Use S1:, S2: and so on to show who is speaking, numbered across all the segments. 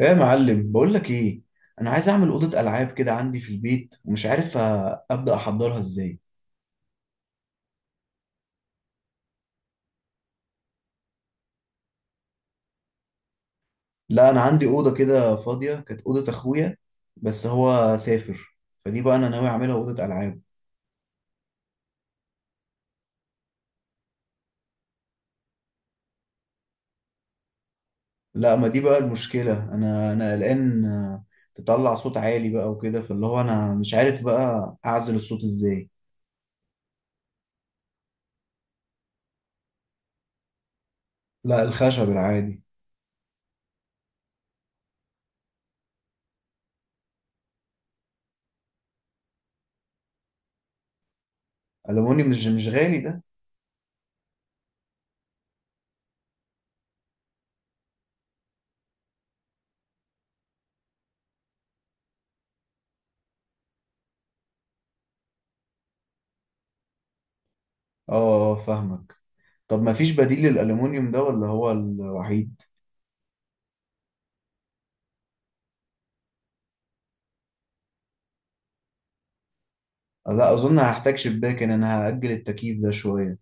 S1: ايه يا معلم؟ بقول لك ايه. انا عايز اعمل اوضه العاب كده عندي في البيت ومش عارف ابدا احضرها ازاي. لا، انا عندي اوضه كده فاضيه كانت اوضه اخويا بس هو سافر. فدي بقى انا ناوي اعملها اوضه العاب. لا، ما دي بقى المشكله، انا قلقان. تطلع صوت عالي بقى وكده، فاللي هو انا مش عارف بقى اعزل الصوت ازاي. لا، الخشب العادي. الومنيوم مش غالي ده؟ اه، فاهمك. طب ما فيش بديل للالومنيوم ده ولا هو الوحيد؟ لا، اظن هحتاج شباك، ان انا هاجل التكييف ده شويه.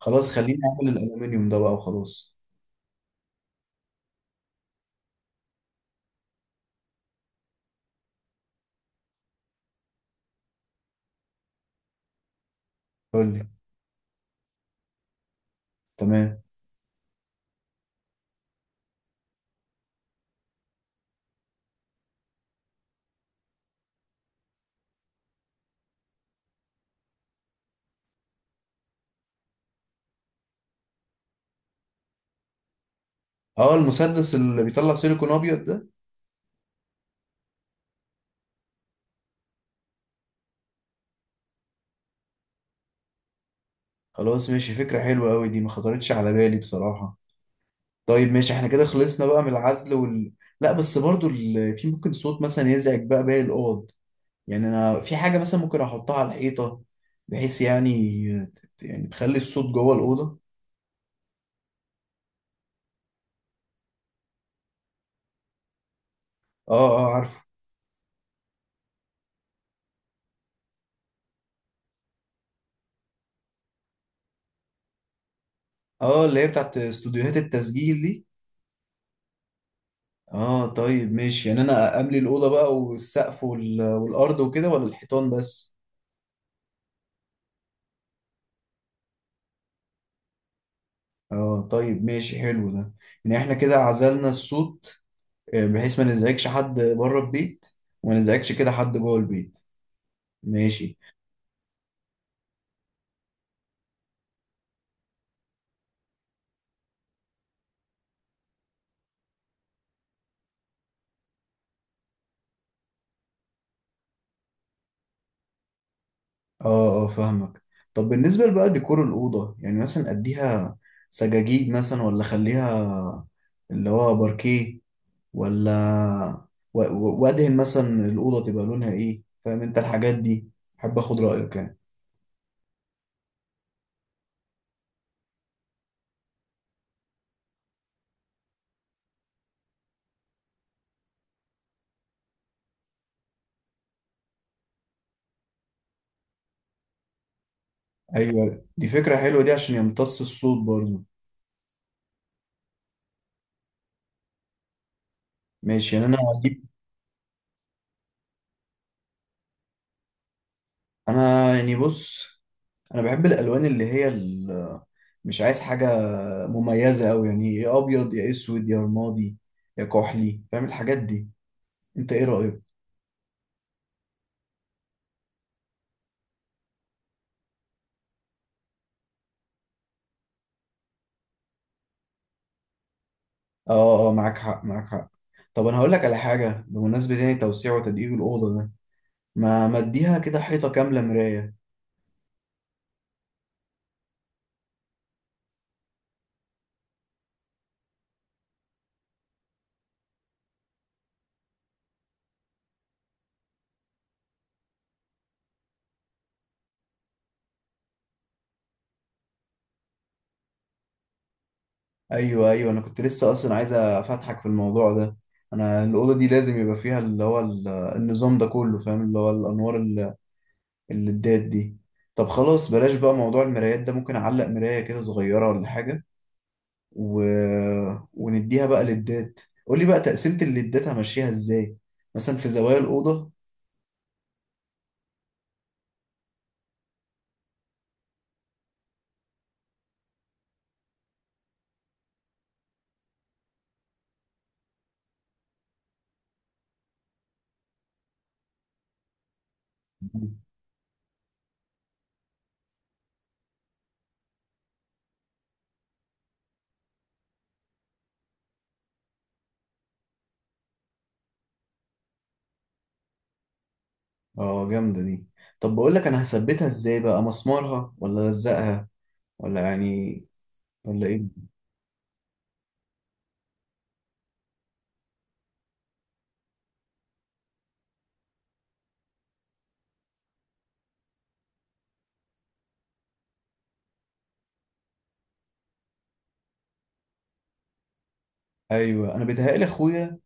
S1: خلاص، خليني اعمل الالومنيوم ده بقى وخلاص. قول لي. تمام. اه، المسدس اللي بيطلع سيليكون ابيض ده؟ خلاص ماشي، فكره حلوه قوي دي، ما خطرتش على بالي بصراحه. طيب ماشي، احنا كده خلصنا بقى من العزل وال. لا بس برضو في ممكن صوت مثلا يزعج بقى باقي الاوض. يعني انا في حاجه مثلا ممكن احطها على الحيطه، بحيث يعني، يعني تخلي الصوت جوه الاوضه. اه اه، عارفه. اه، اللي هي بتاعت استوديوهات التسجيل دي. اه طيب ماشي، يعني انا املي الاوضه بقى والسقف والارض وكده ولا الحيطان بس؟ اه طيب ماشي، حلو ده. يعني احنا كده عزلنا الصوت، بحيث ما نزعجش حد بره البيت وما نزعجش كده حد جوه البيت. ماشي. اه اه، فاهمك. طب بالنسبه بقى ديكور الاوضه، يعني مثلا اديها سجاجيد مثلا، ولا خليها اللي هو باركيه، ولا وادهن مثلا الاوضه تبقى لونها ايه، فاهم انت الحاجات دي؟ حابب اخد رايك يعني. ايوه، دي فكرة حلوة دي عشان يمتص الصوت برضه. ماشي، يعني انا هجيب. انا يعني بص، انا بحب الالوان اللي هي مش عايز حاجة مميزة قوي، يعني يا ابيض يا اسود يا رمادي يا كحلي، فاهم الحاجات دي. انت ايه رأيك؟ اه اه، معاك حق معاك حق. طب انا هقول لك على حاجة بمناسبة يعني توسيع وتدقيق الأوضة ده. ما اديها كده حيطة كاملة مراية؟ ايوه ايوه، انا كنت لسه اصلا عايز افتحك في الموضوع ده. انا الاوضه دي لازم يبقى فيها اللي هو النظام ده كله، فاهم، اللي هو الانوار اللي الدات دي. طب خلاص بلاش بقى موضوع المرايات ده، ممكن اعلق مرايه كده صغيره ولا حاجه و... ونديها بقى للدات. قولي بقى تقسيمه الليدات همشيها ازاي، مثلا في زوايا الاوضه. اه، جامده دي. طب بقول لك انا هثبتها ازاي بقى، مسمارها ولا الزقها، ولا يعني، ولا ايه؟ ايوه، انا بيتهيألي اخويا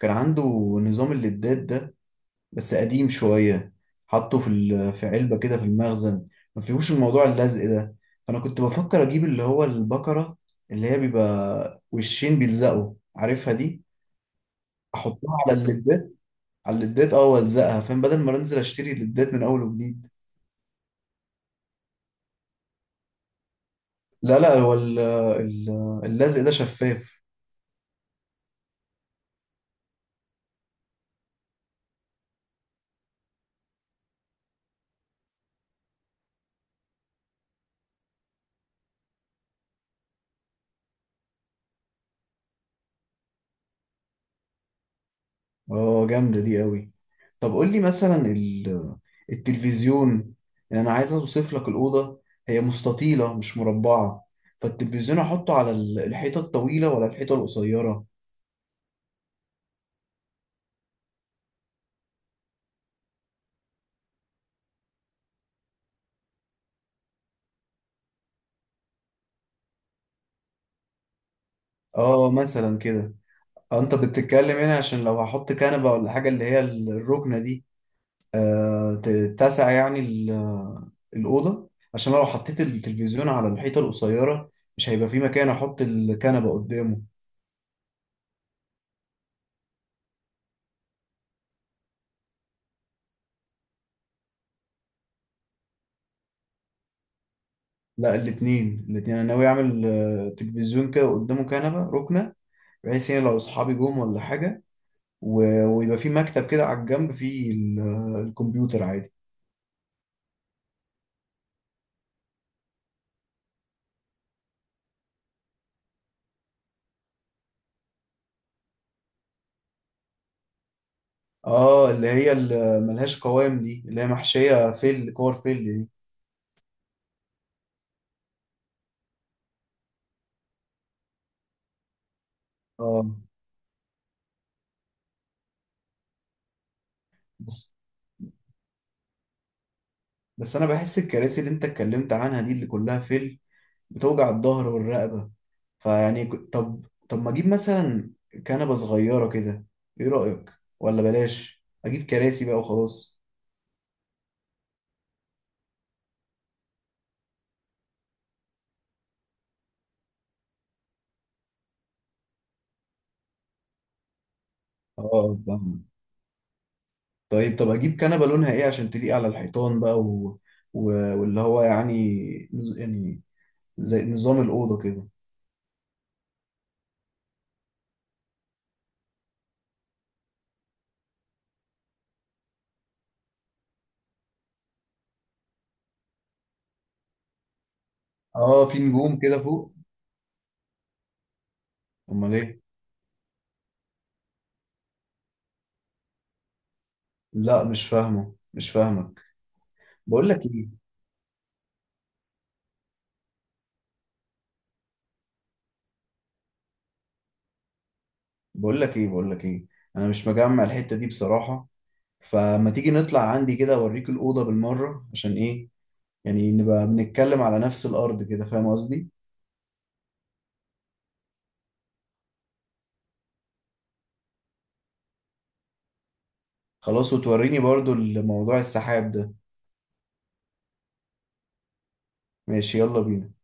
S1: كان عنده نظام اللدات ده بس قديم شوية، حطه في في علبة كده في المخزن، ما فيهوش الموضوع اللزق ده. فأنا كنت بفكر أجيب اللي هو البكرة اللي هي بيبقى وشين بيلزقوا، عارفها دي، أحطها على اللدات. على اللدات وألزقها، فاهم، بدل ما أنزل أشتري اللدات من أول وجديد. لا لا، هو اللزق ده شفاف. اه، جامدة دي قوي. طب قول لي مثلا التلفزيون، يعني انا عايز اوصف لك الأوضة. هي مستطيلة مش مربعة، فالتلفزيون احطه على الحيطة الطويلة ولا الحيطة القصيرة؟ اه مثلا كده. انت بتتكلم هنا عشان لو هحط كنبة ولا حاجة اللي هي الركنة دي تتسع، يعني الأوضة، عشان لو حطيت التلفزيون على الحيطة القصيرة مش هيبقى في مكان احط الكنبة قدامه. لا، الاثنين الاثنين، انا ناوي اعمل تلفزيون كده قدامه كنبه ركنه، بحيث يعني لو اصحابي جم ولا حاجه، ويبقى في مكتب كده على الجنب فيه الكمبيوتر عادي. اه، اللي هي اللي ملهاش قوام دي، اللي هي محشيه فل كور فل دي. اه. بس بس انا بحس الكراسي اللي انت اتكلمت عنها دي اللي كلها فل بتوجع الظهر والرقبه. فيعني طب ما اجيب مثلا كنبه صغيره كده، ايه رايك؟ ولا بلاش اجيب كراسي بقى وخلاص. اه فاهم. طيب، طب اجيب كنبه لونها ايه عشان تليق على الحيطان بقى و... واللي هو يعني يعني زي نظام الاوضه كده. اه، في نجوم كده فوق. امال ايه؟ لا، مش فاهمك. بقول لك ايه، بقول لك ايه، بقول لك ايه، انا مش مجمع الحته دي بصراحه. فما تيجي نطلع عندي كده اوريك الاوضه بالمره، عشان ايه، يعني نبقى بنتكلم على نفس الارض كده، فاهم قصدي. خلاص، وتوريني برضو الموضوع السحاب ده. ماشي، يلا بينا.